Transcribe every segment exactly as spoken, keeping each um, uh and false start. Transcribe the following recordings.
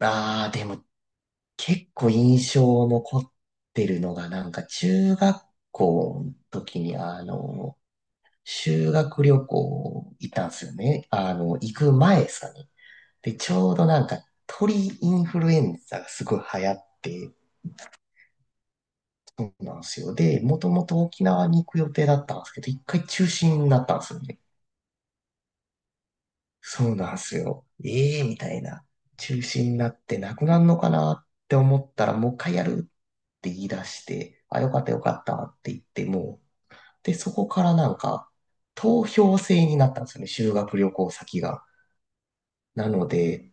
ああ、でも結構印象残ってるのが、なんか中学校の時に、あの、修学旅行行ったんですよね。あの、行く前ですかね。で、ちょうどなんか鳥インフルエンザがすごい流行って、そうなんですよ。で、もともと沖縄に行く予定だったんですけど、一回中止になったんですよね。そうなんすよ。ええみたいな。中止になってなくなるのかなって思ったら、もう一回やるって言い出して、あ、よかったよかったって言ってもう、で、そこからなんか、投票制になったんですよね、修学旅行先が。なので、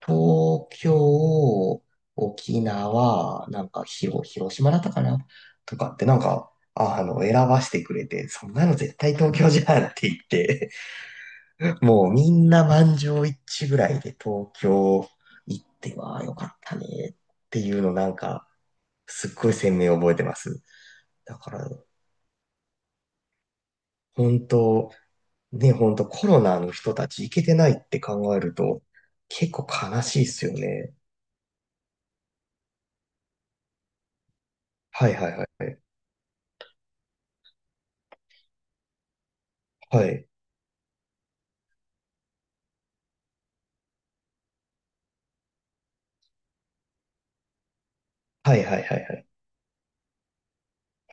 東京、沖縄、なんか広、広島だったかなとかってなんか、あの、選ばしてくれて、そんなの絶対東京じゃんって言って、もうみんな満場一致ぐらいで東京行ってはよかったねっていうのなんかすっごい鮮明に覚えてます。だから本当、ね、本当コロナの人たち行けてないって考えると結構悲しいっすよね。はいはいはい。はい。はいはいはいはい。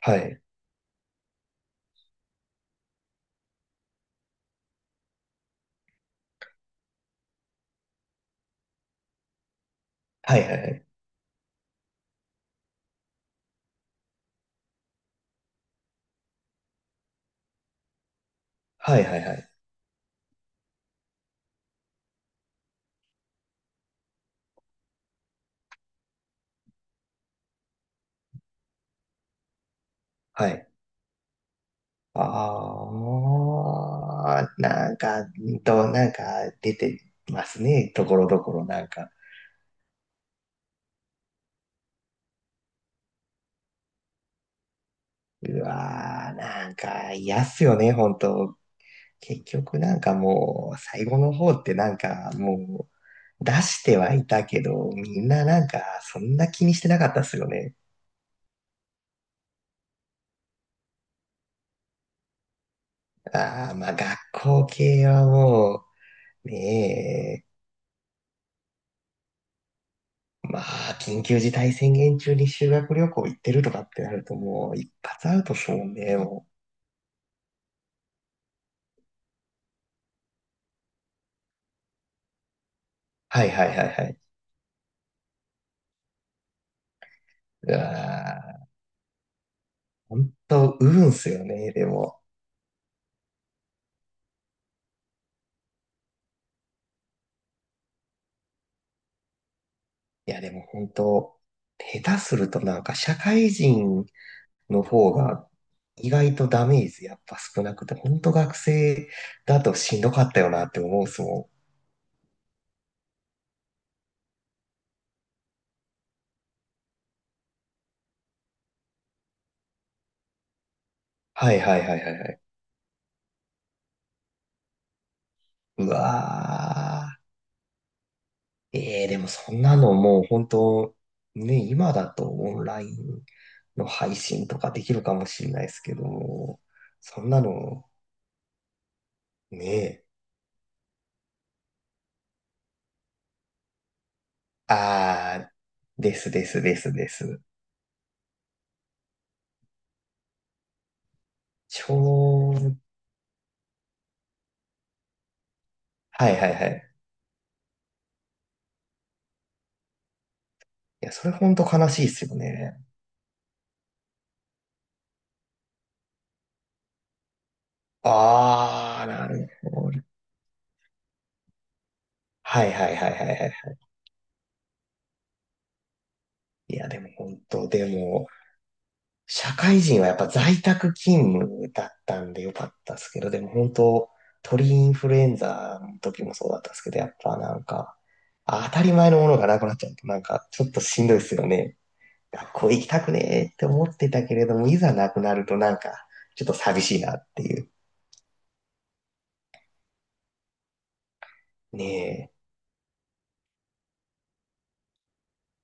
はい。はいはいはい。はいはいはい。はい。ああ、なんか、うんと、なんか出てますね。ところどころなんか。うわー、なんか嫌っすよね、本当。結局なんかもう、最後の方ってなんかもう、出してはいたけど、みんななんか、そんな気にしてなかったっすよね。ああ、まあ学校系はもう、ねえ、まあ、緊急事態宣言中に修学旅行行ってるとかってなるともう、いっぱつアウトっすもんね、もう。はいはいはいはい。うわー、本当、運っすよね、でも。いや、でも本当、下手するとなんか社会人の方が意外とダメージやっぱ少なくて、本当学生だとしんどかったよなって思うっすもん。はいはいはいはいはい。うわー。えー、でもそんなのもう本当、ね、今だとオンラインの配信とかできるかもしれないですけども、そんなの、ね、あー、ですですですです。ちょう、はいはいはい。いや、それほんと悲しいっすよね。ああ、なるほど。はいはいはいはいはい。いや、でも本当、でも、社会人はやっぱ在宅勤務だったんでよかったですけど、でも本当、鳥インフルエンザの時もそうだったんですけど、やっぱなんか、あ当たり前のものがなくなっちゃうと、なんかちょっとしんどいですよね。学校行きたくねーって思ってたけれども、いざなくなるとなんか、ちょっと寂しいなっていう。ね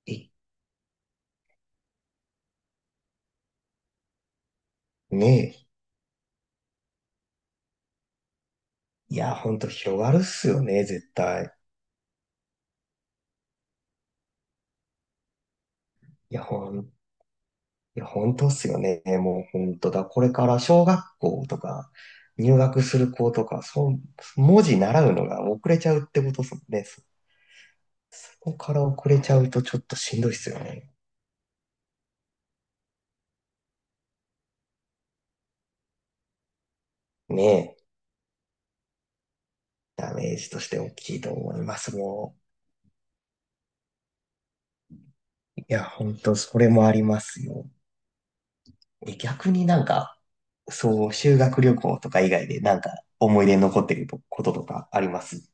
え、いねえ。いや、ほんと広がるっすよね、絶対。いや、ほん、いや、ほんとっすよね。もうほんとだ。これから小学校とか、入学する子とか、そう、文字習うのが遅れちゃうってことっすもんね。そこから遅れちゃうとちょっとしんどいっすよね。ねえ。ダメージとして大きいと思います、もう。いや、ほんと、それもありますよ。え逆になんか、そう、修学旅行とか以外でなんか思い出に残ってることとかあります？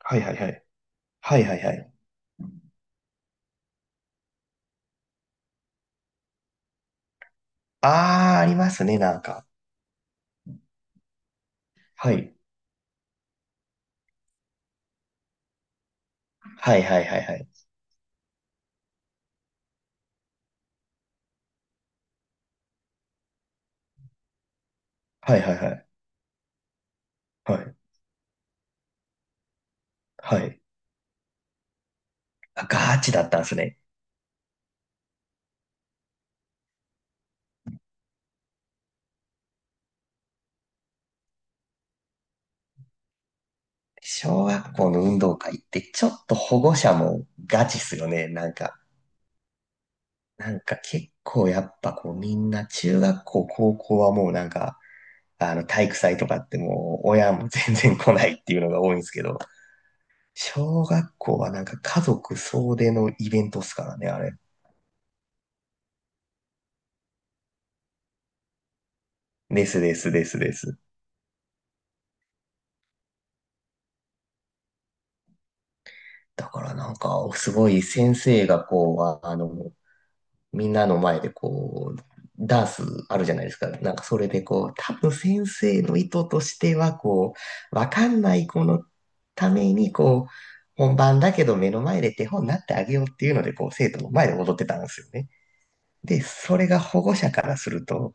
はいはいはい。はいはいはい。ああ、ありますね、なんか。はい。はいはいはいはい。はいはいはい。はい。はい。あ、ガチだったんですね。小学校の運動会ってちょっと保護者もガチっすよね。なんか、なんか結構やっぱこうみんな中学校、高校はもうなんか、あの体育祭とかってもう親も全然来ないっていうのが多いんですけど、小学校はなんか家族総出のイベントっすからね、あれ。ですですですです。だからなんか、すごい先生がこう、ああの、みんなの前でこう、ダンスあるじゃないですか。なんかそれでこう、多分先生の意図としてはこう、わかんない子のためにこう、本番だけど目の前で手本になってあげようっていうので、こう、生徒の前で踊ってたんですよね。で、それが保護者からすると、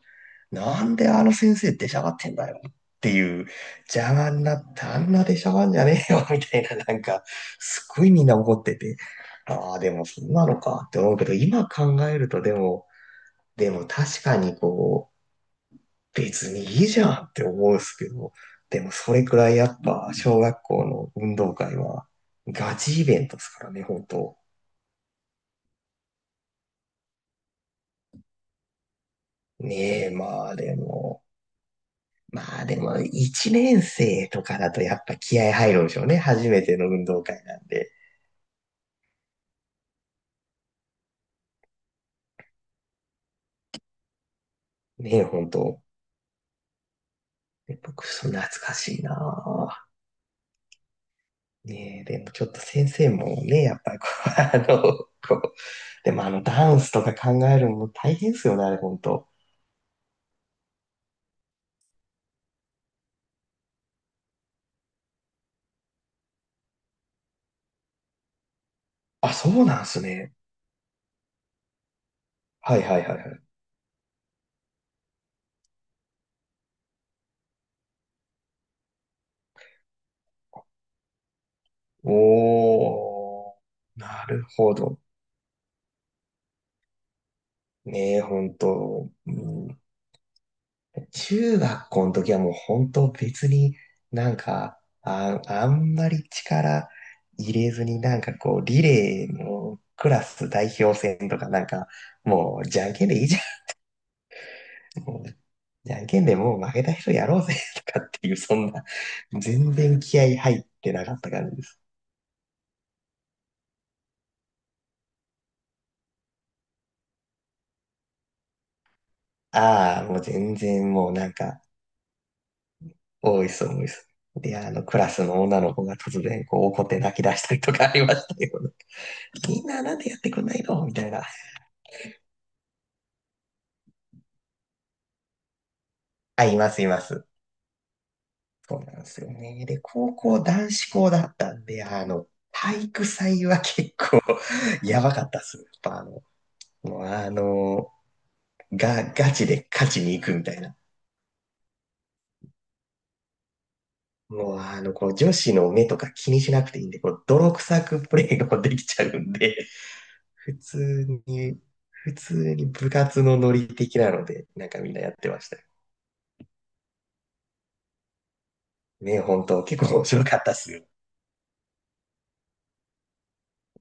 なんであの先生出しゃばってんだよっていう、邪魔になったあんな出しゃばんじゃねえよ みたいな、なんか、すっごいみんな怒ってて、ああ、でもそんなのかって思うけど、今考えるとでも、でも確かにこう、別にいいじゃんって思うんですけど、でもそれくらいやっぱ小学校の運動会はガチイベントですからね、本当。ねえ、まあでも、まあでも、いちねんせいとかだとやっぱ気合入るんでしょうね。初めての運動会なんで。ねえ、本当。ね僕、そんな懐かしいなぁねえ、でもちょっと先生もね、やっぱりこう、あの、こう、でもあのダンスとか考えるのも大変ですよね、あれ本当。あ、そうなんすね。はいはいはいはい。おー、なるほど。ねえ、本当。うん。中学校の時はもう本当別になんか、あ、あんまり力入れずになんかこう、リレーのクラス代表戦とかなんか、もうじゃんけんでいいじゃん。もうじゃんけんでもう負けた人やろうぜとかっていう、そんな、全然気合入ってなかった感じです。ああ、もう全然もうなんか、多いっす、多いっす。で、あの、クラスの女の子が突然こう怒って泣き出したりとかありましたよ。みんななんでやってくんないのみたいな。あ、います、います。そうなんですよね。で、高校男子校だったんで、あの、体育祭は結構 やばかったっす。やっぱあの、もうあの、が、ガチで勝ちに行くみたいな。もうあの、こう女子の目とか気にしなくていいんで、こう泥臭くプレーができちゃうんで、普通に、普通に部活のノリ的なので、なんかみんなやってましたよ。ね、本当結構面白かったっすよ。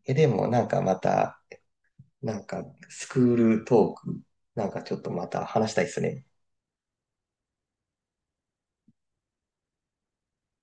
え、でもなんかまた、なんか、スクールトーク、なんかちょっとまた話したいですね。